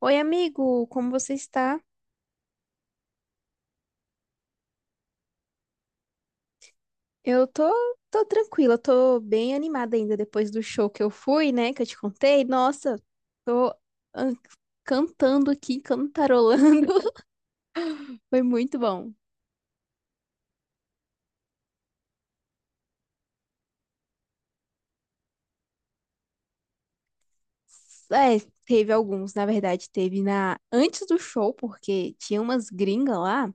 Oi, amigo, como você está? Eu tô, tô tranquila, tô bem animada ainda depois do show que eu fui, né? Que eu te contei. Nossa, tô ah, cantando aqui, cantarolando. Foi muito bom. É, teve alguns, na verdade, teve na antes do show, porque tinha umas gringas lá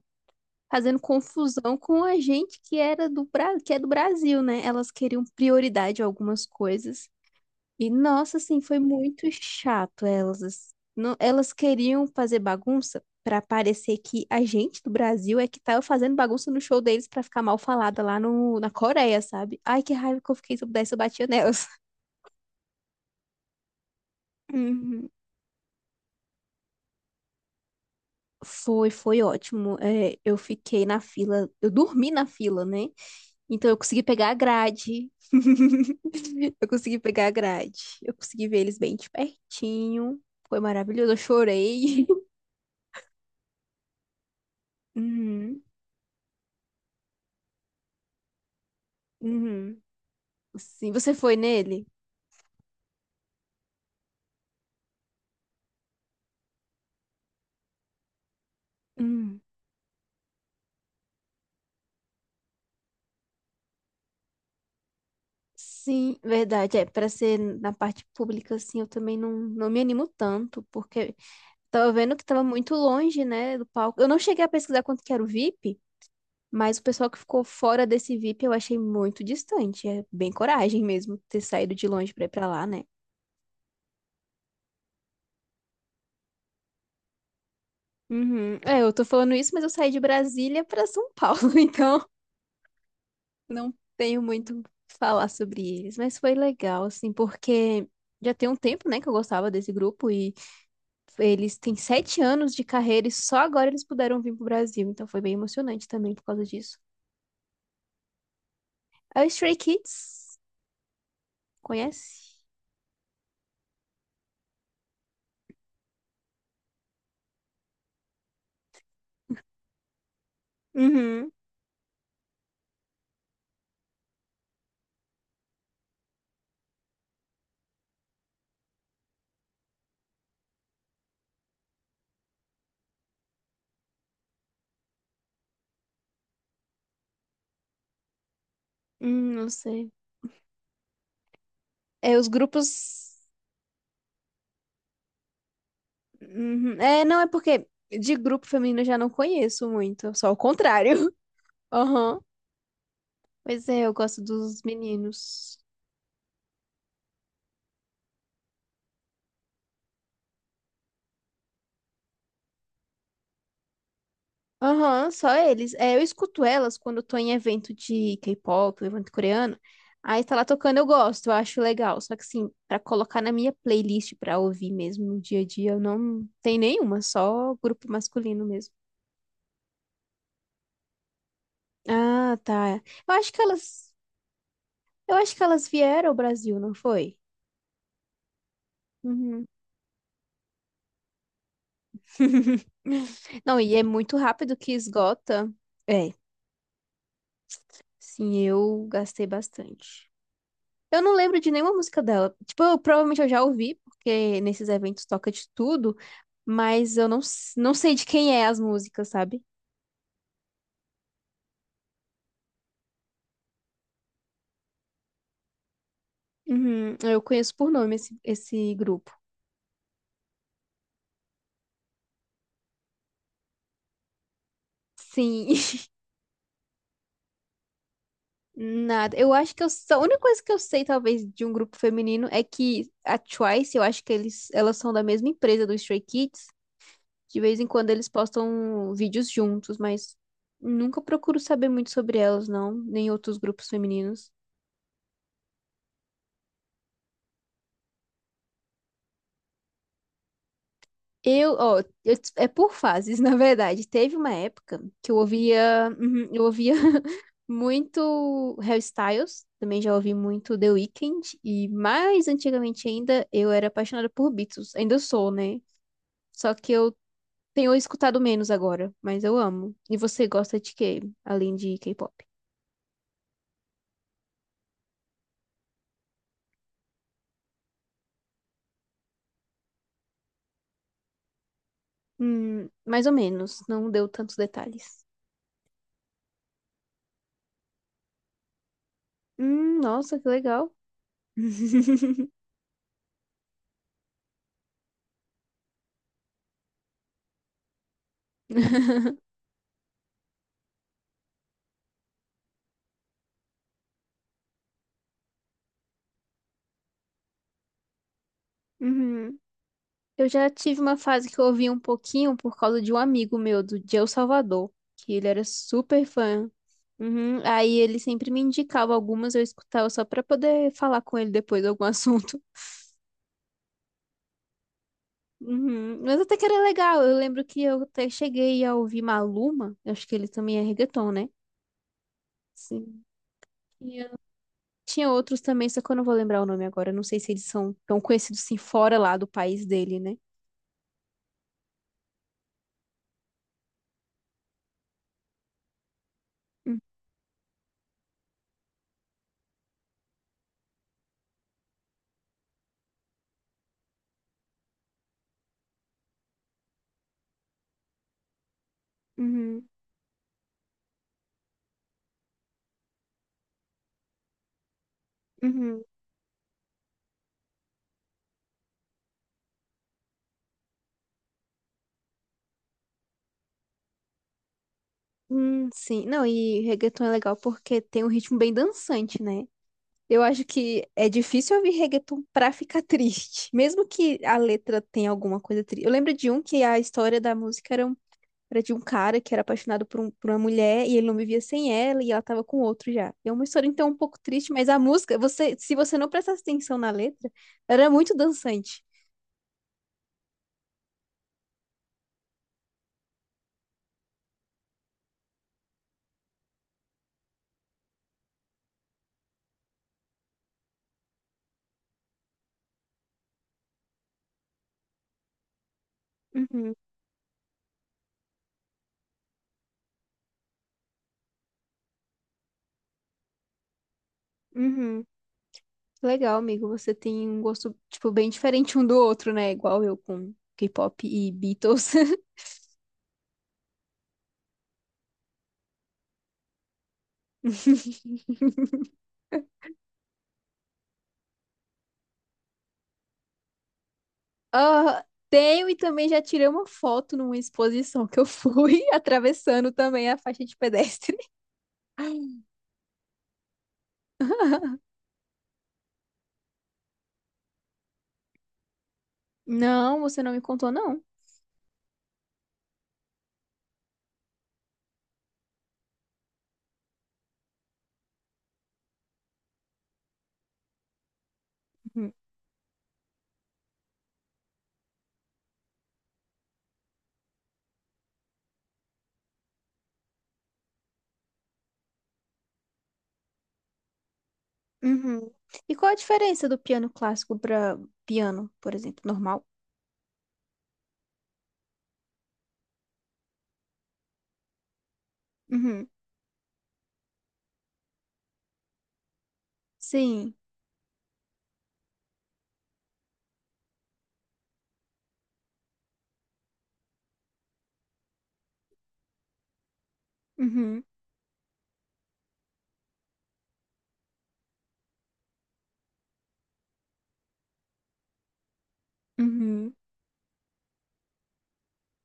fazendo confusão com a gente que era do que é do Brasil, né? Elas queriam prioridade a algumas coisas. E nossa, assim, foi muito chato elas. Não, elas queriam fazer bagunça pra parecer que a gente do Brasil é que tava fazendo bagunça no show deles pra ficar mal falada lá no, na Coreia, sabe? Ai, que raiva que eu fiquei, se eu pudesse, eu batia nelas. Uhum. Foi, foi ótimo. É, eu fiquei na fila, eu dormi na fila, né? Então eu consegui pegar a grade. Eu consegui pegar a grade. Eu consegui ver eles bem de pertinho. Foi maravilhoso, eu chorei. Uhum. Uhum. Sim, você foi nele? Hum. Sim, verdade. É, para ser na parte pública, assim, eu também não me animo tanto, porque tava vendo que tava muito longe, né, do palco. Eu não cheguei a pesquisar quanto que era o VIP, mas o pessoal que ficou fora desse VIP eu achei muito distante. É bem coragem mesmo ter saído de longe pra ir pra lá, né? Uhum. É, eu tô falando isso, mas eu saí de Brasília pra São Paulo, então não tenho muito o que falar sobre eles, mas foi legal, assim, porque já tem um tempo, né, que eu gostava desse grupo e eles têm sete anos de carreira e só agora eles puderam vir pro Brasil, então foi bem emocionante também por causa disso. É o Stray Kids, conhece? Uhum. Não sei. É, os grupos. Uhum. É, não, é porque de grupo feminino eu já não conheço muito, só o contrário. Aham. Pois é, eu gosto dos meninos. Aham, só eles. É, eu escuto elas quando eu tô em evento de K-pop, evento coreano. Aí tá lá tocando, eu gosto, eu acho legal. Só que assim, pra colocar na minha playlist pra ouvir mesmo no dia a dia, eu não tenho nenhuma, só grupo masculino mesmo. Ah, tá. Eu acho que elas vieram ao Brasil, não foi? Uhum. Não, e é muito rápido que esgota. É, sim, eu gastei bastante. Eu não lembro de nenhuma música dela. Tipo, eu, provavelmente eu já ouvi, porque nesses eventos toca de tudo, mas eu não, s- não sei de quem é as músicas, sabe? Uhum, eu conheço por nome esse grupo. Sim, nada. Eu acho que a única coisa que eu sei, talvez, de um grupo feminino é que a Twice, eu acho que elas são da mesma empresa do Stray Kids. De vez em quando eles postam vídeos juntos, mas nunca procuro saber muito sobre elas, não, nem outros grupos femininos. É por fases, na verdade. Teve uma época que eu ouvia muito Harry Styles, também já ouvi muito The Weeknd e mais antigamente ainda eu era apaixonada por Beatles. Ainda sou, né? Só que eu tenho escutado menos agora, mas eu amo. E você gosta de quê, além de K-pop? Mais ou menos, não deu tantos detalhes. Nossa, que legal. Uhum. Eu já tive uma fase que eu ouvi um pouquinho por causa de um amigo meu do de El Salvador, que ele era super fã. Uhum. Aí ele sempre me indicava algumas, eu escutava só pra poder falar com ele depois de algum assunto. Uhum. Mas até que era legal. Eu lembro que eu até cheguei a ouvir Maluma, eu acho que ele também é reggaeton, né? Sim. E eu- Tinha outros também, só que eu não vou lembrar o nome agora. Eu Não sei se eles são tão conhecidos assim fora lá do país dele, né? Uhum, uhum. Uhum. Sim. Não, e reggaeton é legal porque tem um ritmo bem dançante, né? Eu acho que é difícil ouvir reggaeton pra ficar triste, mesmo que a letra tenha alguma coisa triste. Eu lembro de um que a história da música era, um- era de um cara que era apaixonado por, por uma mulher e ele não vivia sem ela e ela tava com outro já. E é uma história então um pouco triste, mas a música, você, se você não prestasse atenção na letra, era muito dançante. Uhum, uhum. Legal, amigo. Você tem um gosto, tipo, bem diferente um do outro, né? Igual eu com K-pop e Beatles. Ah, tenho e também já tirei uma foto numa exposição que eu fui atravessando também a faixa de pedestre. Não, você não me contou, não. Uhum. Uhum. E qual a diferença do piano clássico para piano, por exemplo, normal? Uhum. Sim. Uhum. Uhum.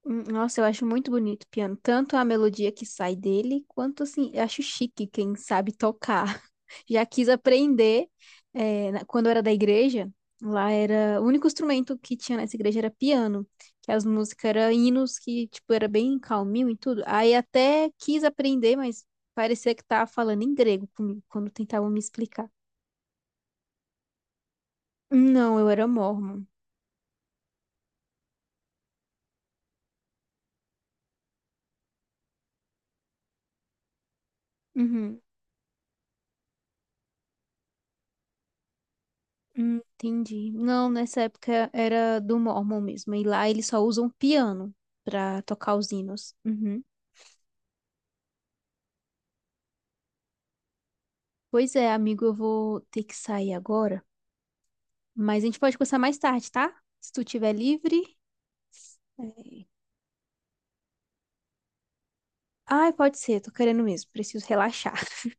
Nossa, eu acho muito bonito o piano. Tanto a melodia que sai dele, quanto assim, eu acho chique quem sabe tocar. Já quis aprender, quando eu era da igreja, lá era. O único instrumento que tinha nessa igreja era piano, que as músicas eram hinos que, tipo, era bem calminho e tudo. Aí até quis aprender, mas parecia que tava falando em grego comigo, quando tentavam me explicar. Não, eu era mórmon. Uhum. Entendi. Não, nessa época era do Mormon mesmo. E lá eles só usam piano pra tocar os hinos. Uhum. Pois é, amigo, eu vou ter que sair agora. Mas a gente pode conversar mais tarde, tá? Se tu tiver livre. É... Ai, pode ser, tô querendo mesmo. Preciso relaxar.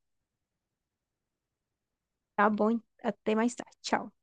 Tá bom, até mais tarde. Tchau.